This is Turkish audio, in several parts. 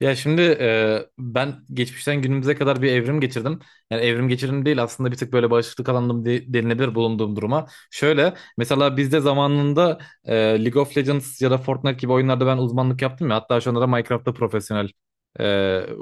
Ya şimdi ben geçmişten günümüze kadar bir evrim geçirdim. Yani evrim geçirdim değil aslında bir tık böyle bağışıklık alanım denilebilir bulunduğum duruma. Şöyle mesela bizde zamanında e, League of Legends ya da Fortnite gibi oyunlarda ben uzmanlık yaptım ya. Hatta şu anda da Minecraft'ta profesyonel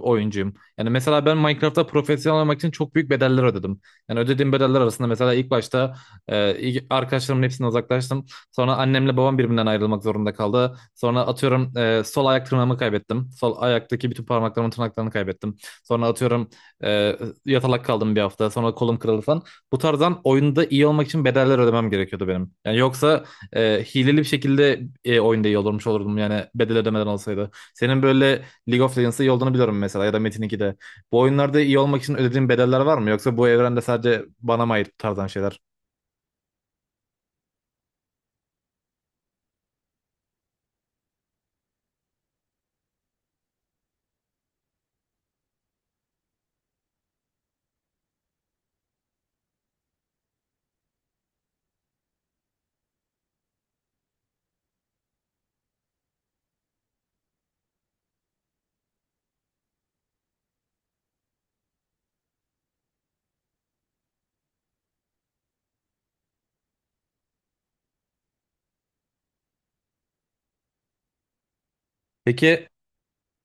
oyuncuyum. Yani mesela ben Minecraft'ta profesyonel olmak için çok büyük bedeller ödedim. Yani ödediğim bedeller arasında mesela ilk başta arkadaşlarımın hepsinden uzaklaştım. Sonra annemle babam birbirinden ayrılmak zorunda kaldı. Sonra atıyorum sol ayak tırnağımı kaybettim. Sol ayaktaki bütün parmaklarımın tırnaklarını kaybettim. Sonra atıyorum e, yatalak kaldım bir hafta. Sonra kolum kırıldı falan. Bu tarzdan oyunda iyi olmak için bedeller ödemem gerekiyordu benim. Yani yoksa hileli bir şekilde oyunda iyi olurdum yani bedel ödemeden olsaydı. Senin böyle League of Legends'da iyi olduğunu biliyorum mesela ya da Metin 2'de. Bu oyunlarda iyi olmak için ödediğin bedeller var mı? Yoksa bu evrende sadece bana mı ait bu tarzdan şeyler? Peki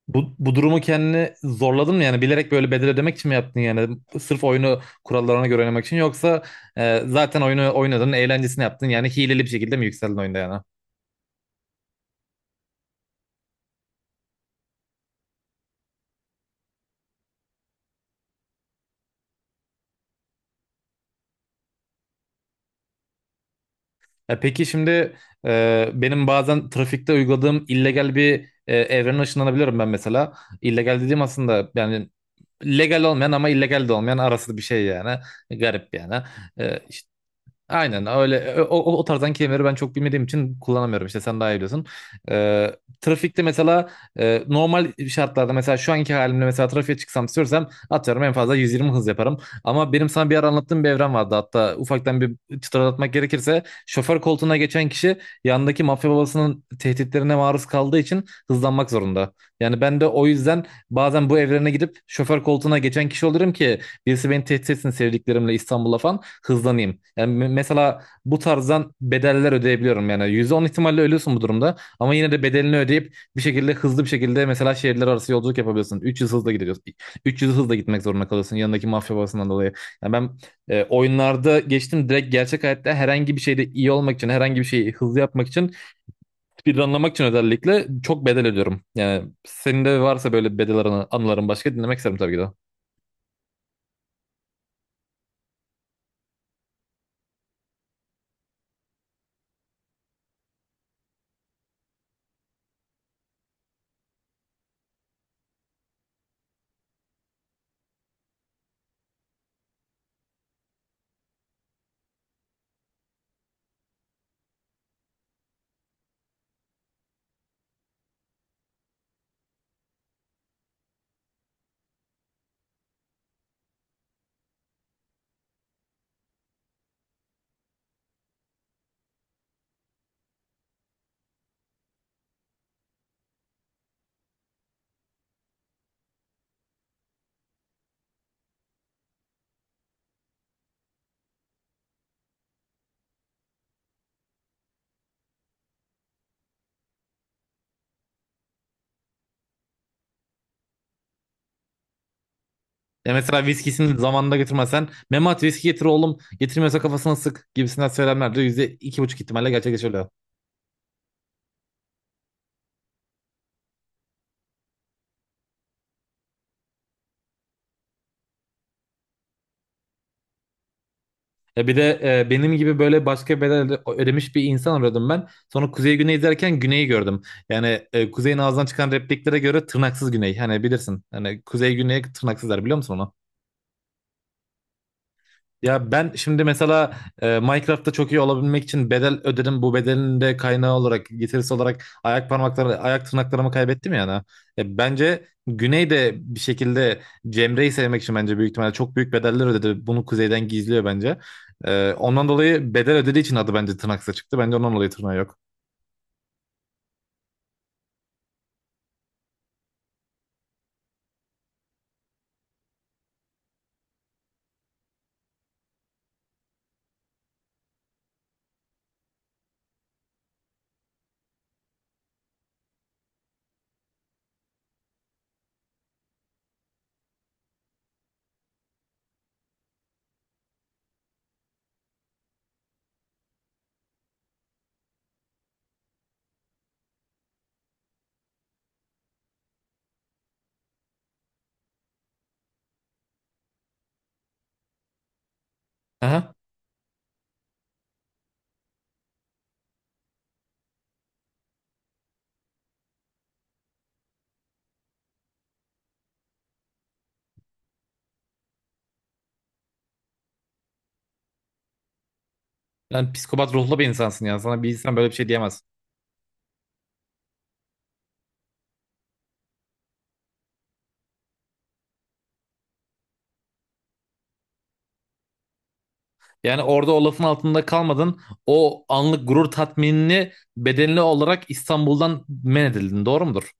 bu durumu kendini zorladın mı yani bilerek böyle bedel ödemek için mi yaptın yani sırf oyunu kurallarına göre oynamak için yoksa zaten oyunu oynadın eğlencesini yaptın yani hileli bir şekilde mi yükseldin oyunda yani? Peki şimdi benim bazen trafikte uyguladığım illegal bir evrene ışınlanabiliyorum ben mesela. İllegal dediğim aslında yani legal olmayan ama illegal de olmayan arası bir şey yani garip yani. İşte aynen öyle o tarzdan kelimeleri ben çok bilmediğim için kullanamıyorum işte sen daha iyi biliyorsun. Trafikte mesela normal şartlarda mesela şu anki halimle mesela trafiğe çıksam istiyorsam atıyorum en fazla 120 hız yaparım. Ama benim sana bir ara anlattığım bir evren vardı, hatta ufaktan bir çıtlatmak gerekirse şoför koltuğuna geçen kişi yandaki mafya babasının tehditlerine maruz kaldığı için hızlanmak zorunda. Yani ben de o yüzden bazen bu evrene gidip şoför koltuğuna geçen kişi olurum ki birisi beni tehdit etsin, sevdiklerimle İstanbul'a falan hızlanayım. Mesela bu tarzdan bedeller ödeyebiliyorum yani. Yüzde on ihtimalle ölüyorsun bu durumda. Ama yine de bedelini ödeyip bir şekilde hızlı bir şekilde mesela şehirler arası yolculuk yapabiliyorsun. 300 hızla gidiyorsun. 300 hızla gitmek zorunda kalıyorsun yanındaki mafya babasından dolayı. Yani ben oyunlarda geçtim, direkt gerçek hayatta herhangi bir şeyde iyi olmak için, herhangi bir şeyi hızlı yapmak için, bir anlamak için özellikle çok bedel ödüyorum. Yani senin de varsa böyle anıların başka, dinlemek isterim tabii ki de. Ya mesela viskisini zamanında götürmezsen Memat, viski getir oğlum, getirmiyorsa kafasına sık gibisinden söylemler de yüzde iki buçuk ihtimalle gerçekleşiyor. Ya bir de benim gibi böyle başka ödemiş bir insan arıyordum ben. Sonra Kuzey Güney izlerken Güney'i gördüm. Yani Kuzey'in ağzından çıkan repliklere göre tırnaksız Güney. Hani bilirsin. Hani Kuzey Güney tırnaksızlar, biliyor musun onu? Ya ben şimdi mesela Minecraft'ta çok iyi olabilmek için bedel ödedim. Bu bedelin de kaynağı olarak, getirisi olarak ayak parmakları, ayak tırnaklarımı kaybettim yani. Bence Güney de bir şekilde Cemre'yi sevmek için bence büyük ihtimalle çok büyük bedeller ödedi. Bunu Kuzey'den gizliyor bence. Ondan dolayı bedel ödediği için adı bence tırnaksa çıktı. Bence ondan dolayı tırnağı yok. Aha. Yani psikopat ruhlu bir insansın yani. Sana bir insan böyle bir şey diyemez. Yani orada o lafın altında kalmadın. O anlık gurur tatminini bedenli olarak İstanbul'dan men edildin. Doğru mudur?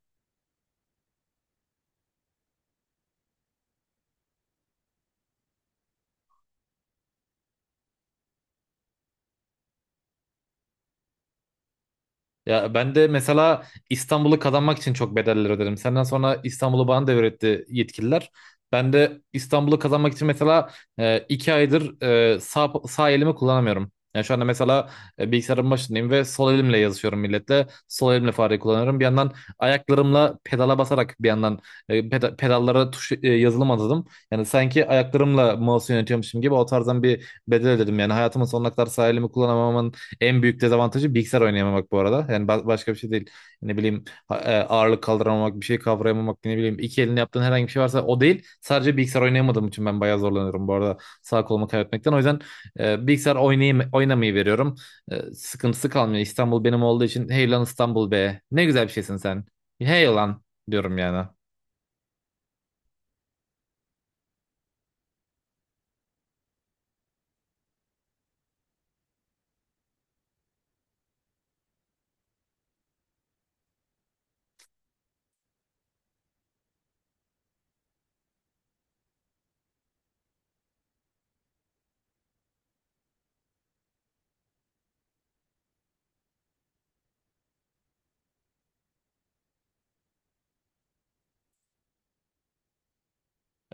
Ya ben de mesela İstanbul'u kazanmak için çok bedeller öderim. Senden sonra İstanbul'u bana devretti yetkililer. Ben de İstanbul'u kazanmak için mesela iki aydır sağ elimi kullanamıyorum. Yani şu anda mesela bilgisayarın başındayım ve sol elimle yazışıyorum milletle. Sol elimle fareyi kullanıyorum. Bir yandan ayaklarımla pedala basarak, bir yandan pedallara tuş yazılım adadım. Yani sanki ayaklarımla mouse yönetiyormuşum gibi o tarzdan bir bedel ödedim. Yani hayatımın sonuna kadar sağ elimi kullanamamamın en büyük dezavantajı bilgisayar oynayamamak bu arada. Başka bir şey değil. Ne bileyim, ağırlık kaldıramamak, bir şey kavrayamamak, ne bileyim iki elini yaptığın herhangi bir şey varsa o değil. Sadece bilgisayar oynayamadığım için ben bayağı zorlanıyorum bu arada sağ kolumu kaybetmekten. O yüzden bilgisayar oynayayım, oynamayı veriyorum. Sıkıntısı kalmıyor. İstanbul benim olduğu için hey lan İstanbul be. Ne güzel bir şeysin sen. Hey lan diyorum yani.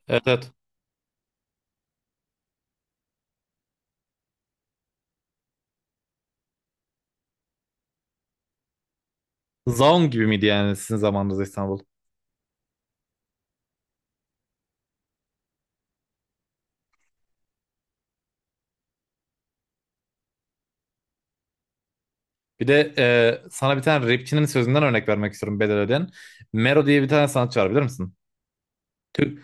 Evet, evet. Zaun gibi miydi yani sizin zamanınızda İstanbul? Bir de sana bir tane rapçinin sözünden örnek vermek istiyorum bedel ödeyen. Mero diye bir tane sanatçı var, bilir misin? Tür-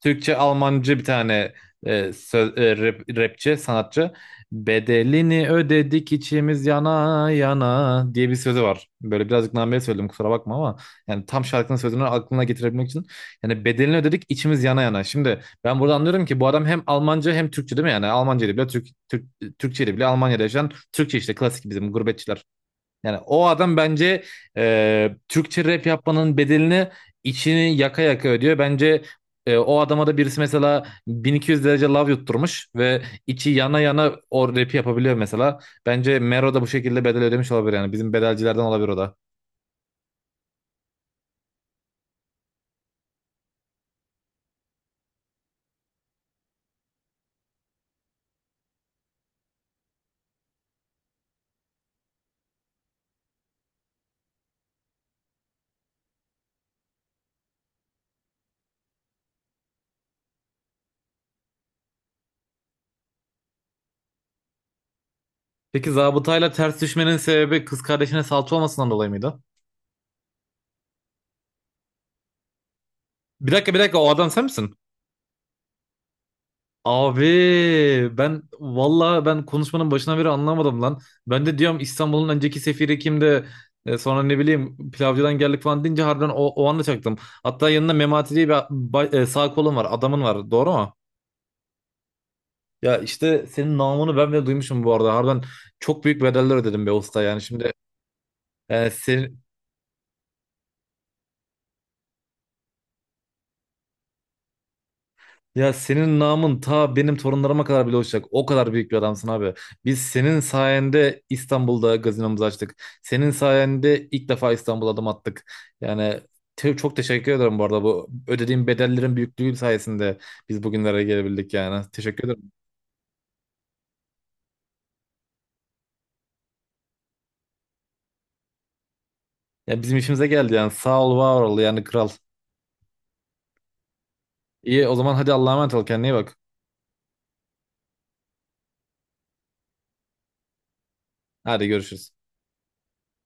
Türkçe, Almancı bir tane rapçi, sanatçı. Bedelini ödedik içimiz yana yana diye bir sözü var. Böyle birazcık nameye söyledim, kusura bakma ama yani tam şarkının sözünü aklına getirebilmek için. Yani bedelini ödedik içimiz yana yana. Şimdi ben burada anlıyorum ki bu adam hem Almanca hem Türkçe, değil mi yani? Almanca ile bile Türk, Türk, Türkçe ile bile Almanya'da yaşayan Türkçe işte klasik bizim gurbetçiler. Yani o adam bence Türkçe rap yapmanın bedelini içini yaka yaka ödüyor. Bence o adama da birisi mesela 1200 derece love yutturmuş ve içi yana yana o rapi yapabiliyor mesela. Bence Mero da bu şekilde bedel ödemiş olabilir yani. Bizim bedelcilerden olabilir o da. Peki zabıtayla ters düşmenin sebebi kız kardeşine salça olmasından dolayı mıydı? Bir dakika, bir dakika, o adam sen misin? Abi ben valla ben konuşmanın başına beri anlamadım lan. Ben de diyorum İstanbul'un önceki sefiri kimdi? Sonra ne bileyim pilavcıdan geldik falan deyince harbiden o anda çaktım. Hatta yanında Memati diye sağ kolun var adamın var, doğru mu? Ya işte senin namını ben bile duymuşum bu arada. Harbiden çok büyük bedeller ödedim be usta yani. Şimdi e, sen- ya senin namın ta benim torunlarıma kadar bile uçacak. O kadar büyük bir adamsın abi. Biz senin sayende İstanbul'da gazinomuzu açtık. Senin sayende ilk defa İstanbul'a adım attık. Yani çok teşekkür ederim bu arada. Bu ödediğim bedellerin büyüklüğü sayesinde biz bugünlere gelebildik yani. Teşekkür ederim. Ya bizim işimize geldi yani. Sağ ol, var ol yani kral. İyi o zaman, hadi Allah'a emanet ol, kendine iyi bak. Hadi görüşürüz.